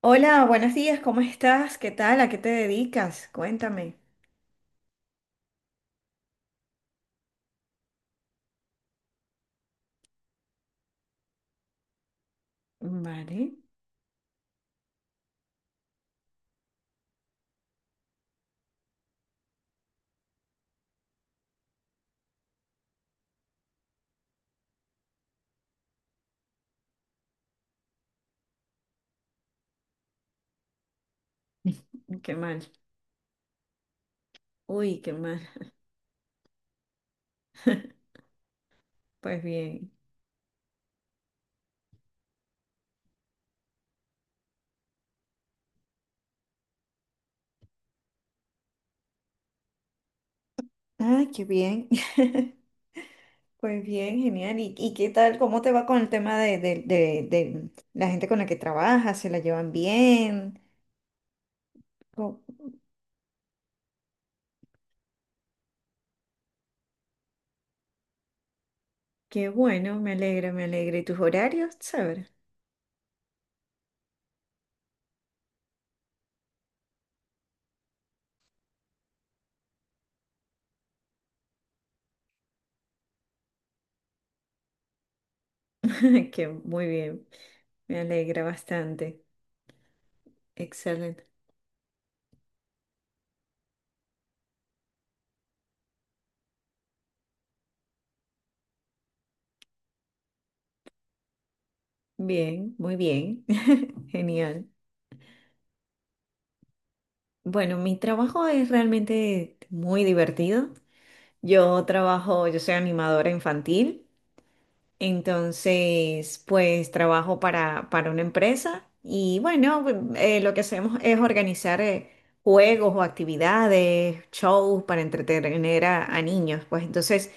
Hola, buenos días, ¿cómo estás? ¿Qué tal? ¿A qué te dedicas? Cuéntame. Vale, qué mal. Uy, qué mal. Pues bien. Ah, qué bien. Pues bien, genial. ¿Y qué tal? ¿Cómo te va con el tema de la gente con la que trabajas? ¿Se la llevan bien? Co- qué bueno, me alegra, me alegra. ¿Y tus horarios? Saber. Qué muy bien, me alegra bastante. Excelente. Bien, muy bien. Genial. Bueno, mi trabajo es realmente muy divertido. Yo soy animadora infantil, entonces pues trabajo para una empresa y bueno, lo que hacemos es organizar juegos o actividades, shows para entretener a niños. Pues entonces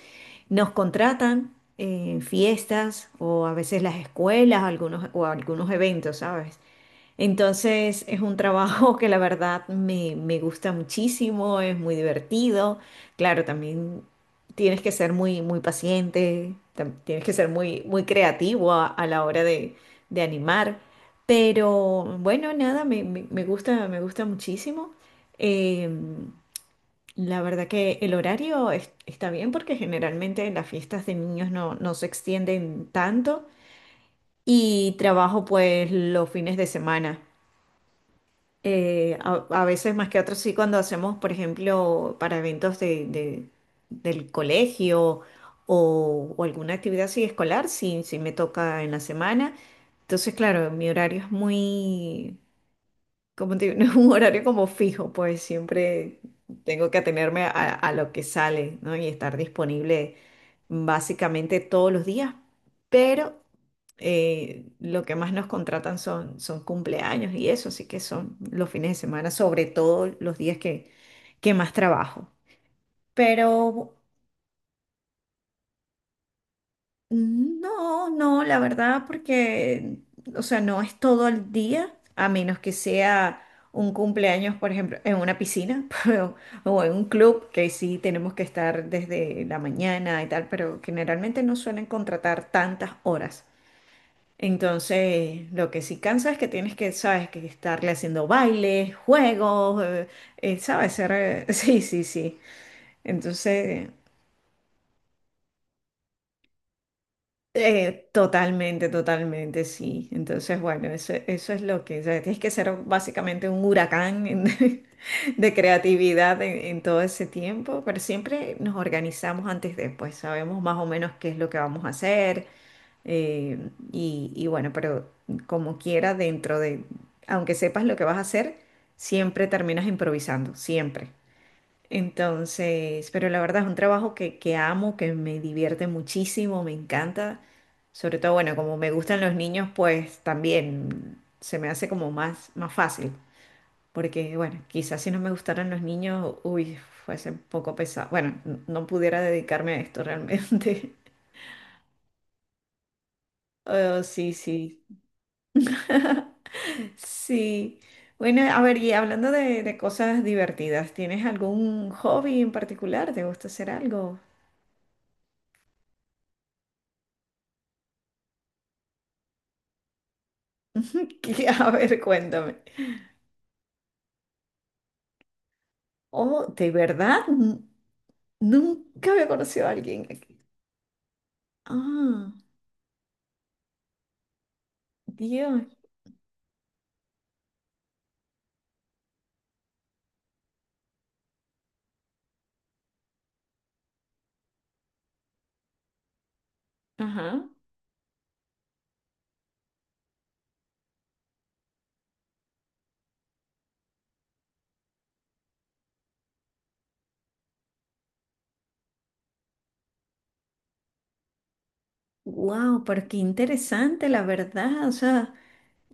nos contratan en fiestas o a veces las escuelas algunos, o algunos eventos, ¿sabes? Entonces es un trabajo que la verdad me gusta muchísimo, es muy divertido. Claro, también tienes que ser muy, muy paciente, tienes que ser muy, muy creativo a la hora de animar. Pero bueno, nada, me gusta muchísimo. Eh, la verdad que el horario está bien porque generalmente las fiestas de niños no se extienden tanto y trabajo pues los fines de semana. A veces más que otros sí, cuando hacemos, por ejemplo, para eventos del colegio o alguna actividad así escolar, sí, sí me toca en la semana. Entonces, claro, mi horario es muy, como te digo, no es un horario como fijo, pues siempre tengo que atenerme a lo que sale, ¿no? Y estar disponible básicamente todos los días lo que más nos contratan son cumpleaños y eso, así que son los fines de semana, sobre todo los días que- más trabajo. Pero no, no, la verdad, porque, o sea, no es todo el día, a menos que sea un cumpleaños, por ejemplo, en una piscina o en un club, que sí tenemos que estar desde la mañana y tal, pero generalmente no suelen contratar tantas horas. Entonces, lo que sí cansa es que tienes que, sabes, que estarle haciendo bailes, juegos, sabes, ser, sí, sí, sí. Entonces, totalmente, totalmente, sí. Entonces, bueno, eso es lo que, o sea, tienes que ser básicamente un huracán de creatividad en todo ese tiempo, pero siempre nos organizamos antes de, pues sabemos más o menos qué es lo que vamos a hacer. Y bueno, pero como quiera, dentro de, aunque sepas lo que vas a hacer, siempre terminas improvisando, siempre. Entonces, pero la verdad es un trabajo que amo, que me divierte muchísimo, me encanta. Sobre todo, bueno, como me gustan los niños, pues también se me hace como más, más fácil. Porque, bueno, quizás si no me gustaran los niños, uy, fuese un poco pesado. Bueno, no pudiera dedicarme a esto realmente. Oh, sí, sí. Sí. Bueno, a ver, y hablando de cosas divertidas, ¿tienes algún hobby en particular? ¿Te gusta hacer algo? Que, a ver, cuéntame. Oh, de verdad, nunca había conocido a alguien aquí. Ah, Dios. Ajá. Wow, pero qué interesante, la verdad. O sea,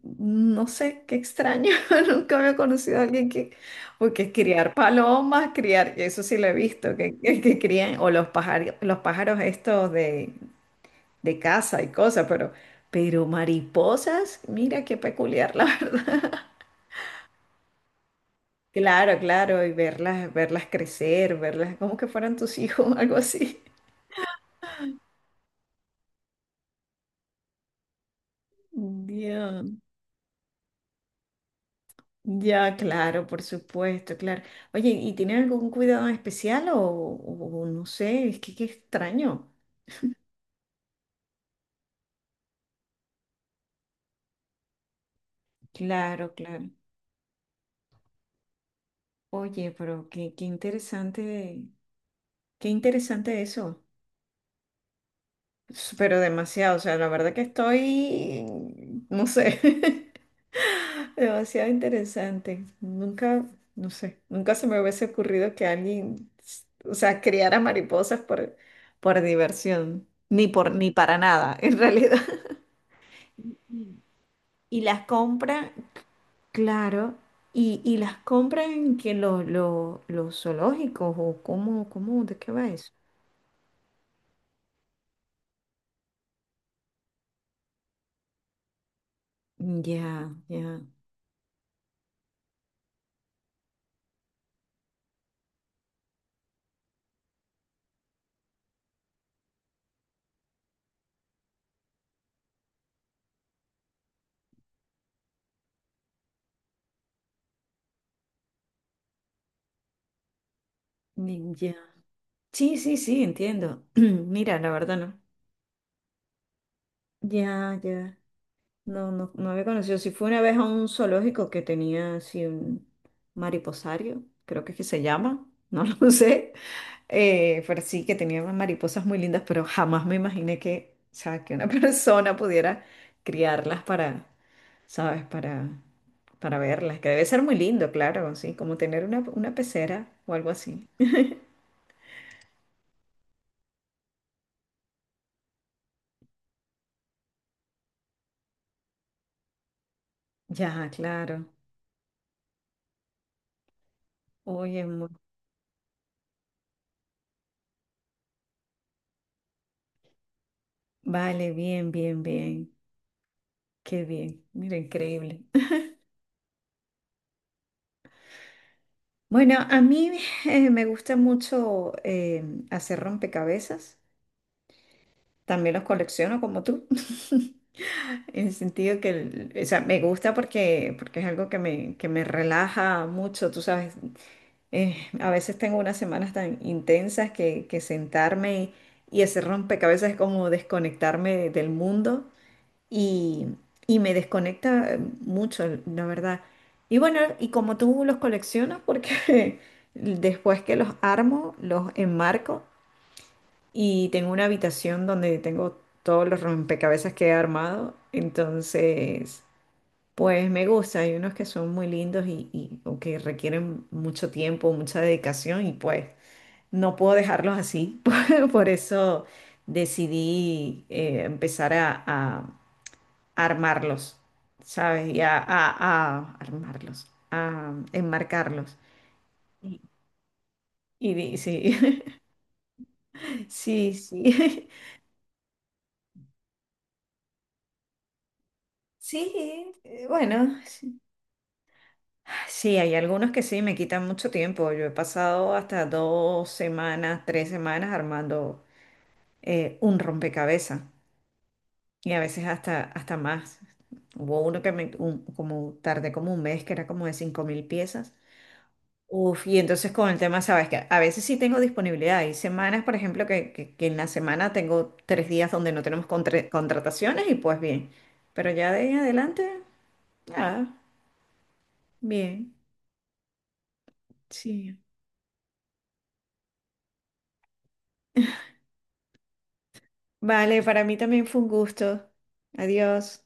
no sé, qué extraño. Nunca había conocido a alguien que, porque criar palomas, criar, eso sí lo he visto, que, que crían, o los pájaros estos de, casa y cosas, pero mariposas, mira qué peculiar, la verdad. Claro, claro, y verlas crecer, verlas como que fueran tus hijos, algo así. Ya, ya, claro, por supuesto, claro. Oye, ¿y tienen algún cuidado especial o no sé? Es que qué extraño. Claro, claro. Oye, pero qué, interesante, qué interesante eso. Pero demasiado, o sea, la verdad que estoy, no sé, demasiado interesante. Nunca, no sé, nunca se me hubiese ocurrido que alguien, o sea, criara mariposas por, diversión, ni por, ni para nada, en realidad. Y las compran, claro, y las compran en que los zoológicos o cómo, ¿de qué va eso? Ya, ya, ya. Sí, sí, sí, entiendo. Mira, la verdad no. Ya, ya. No, no, no había conocido. Si fue una vez a un zoológico que tenía así un mariposario, creo que es que se llama, no lo sé. Pero sí, que tenía unas mariposas muy lindas, pero jamás me imaginé que, o sea, que una persona pudiera criarlas para, ¿sabes? Para verlas, que debe ser muy lindo, claro, sí, como tener una pecera o algo así. Ya, claro. Oye, vale, bien, bien, bien. Qué bien. Mira, increíble. Bueno, a mí me gusta mucho hacer rompecabezas. También los colecciono como tú. En el sentido que, o sea, me gusta porque es algo que me relaja mucho, tú sabes. A veces tengo unas semanas tan intensas que sentarme y hacer rompecabezas es como desconectarme del mundo y, y me desconecta mucho, la verdad. Y bueno, y como tú los coleccionas, porque después que los armo, los enmarco y tengo una habitación donde tengo todos los rompecabezas que he armado, entonces, pues me gusta. Hay unos que son muy lindos y o que requieren mucho tiempo, mucha dedicación y pues no puedo dejarlos así. Por eso decidí empezar a armarlos, ¿sabes? Y a armarlos, a enmarcarlos. Y, y sí, sí, sí. Sí, bueno, sí. Sí, hay algunos que sí, me quitan mucho tiempo. Yo he pasado hasta 2 semanas, 3 semanas armando un rompecabezas y a veces hasta más. Hubo uno que como tardé como un mes, que era como de 5.000 piezas. Uf, y entonces con el tema, sabes que a veces sí tengo disponibilidad. Hay semanas, por ejemplo, que, que en la semana tengo 3 días donde no tenemos contrataciones y pues bien. Pero ya de ahí en adelante, nada, bien, sí. Vale, para mí también fue un gusto. Adiós.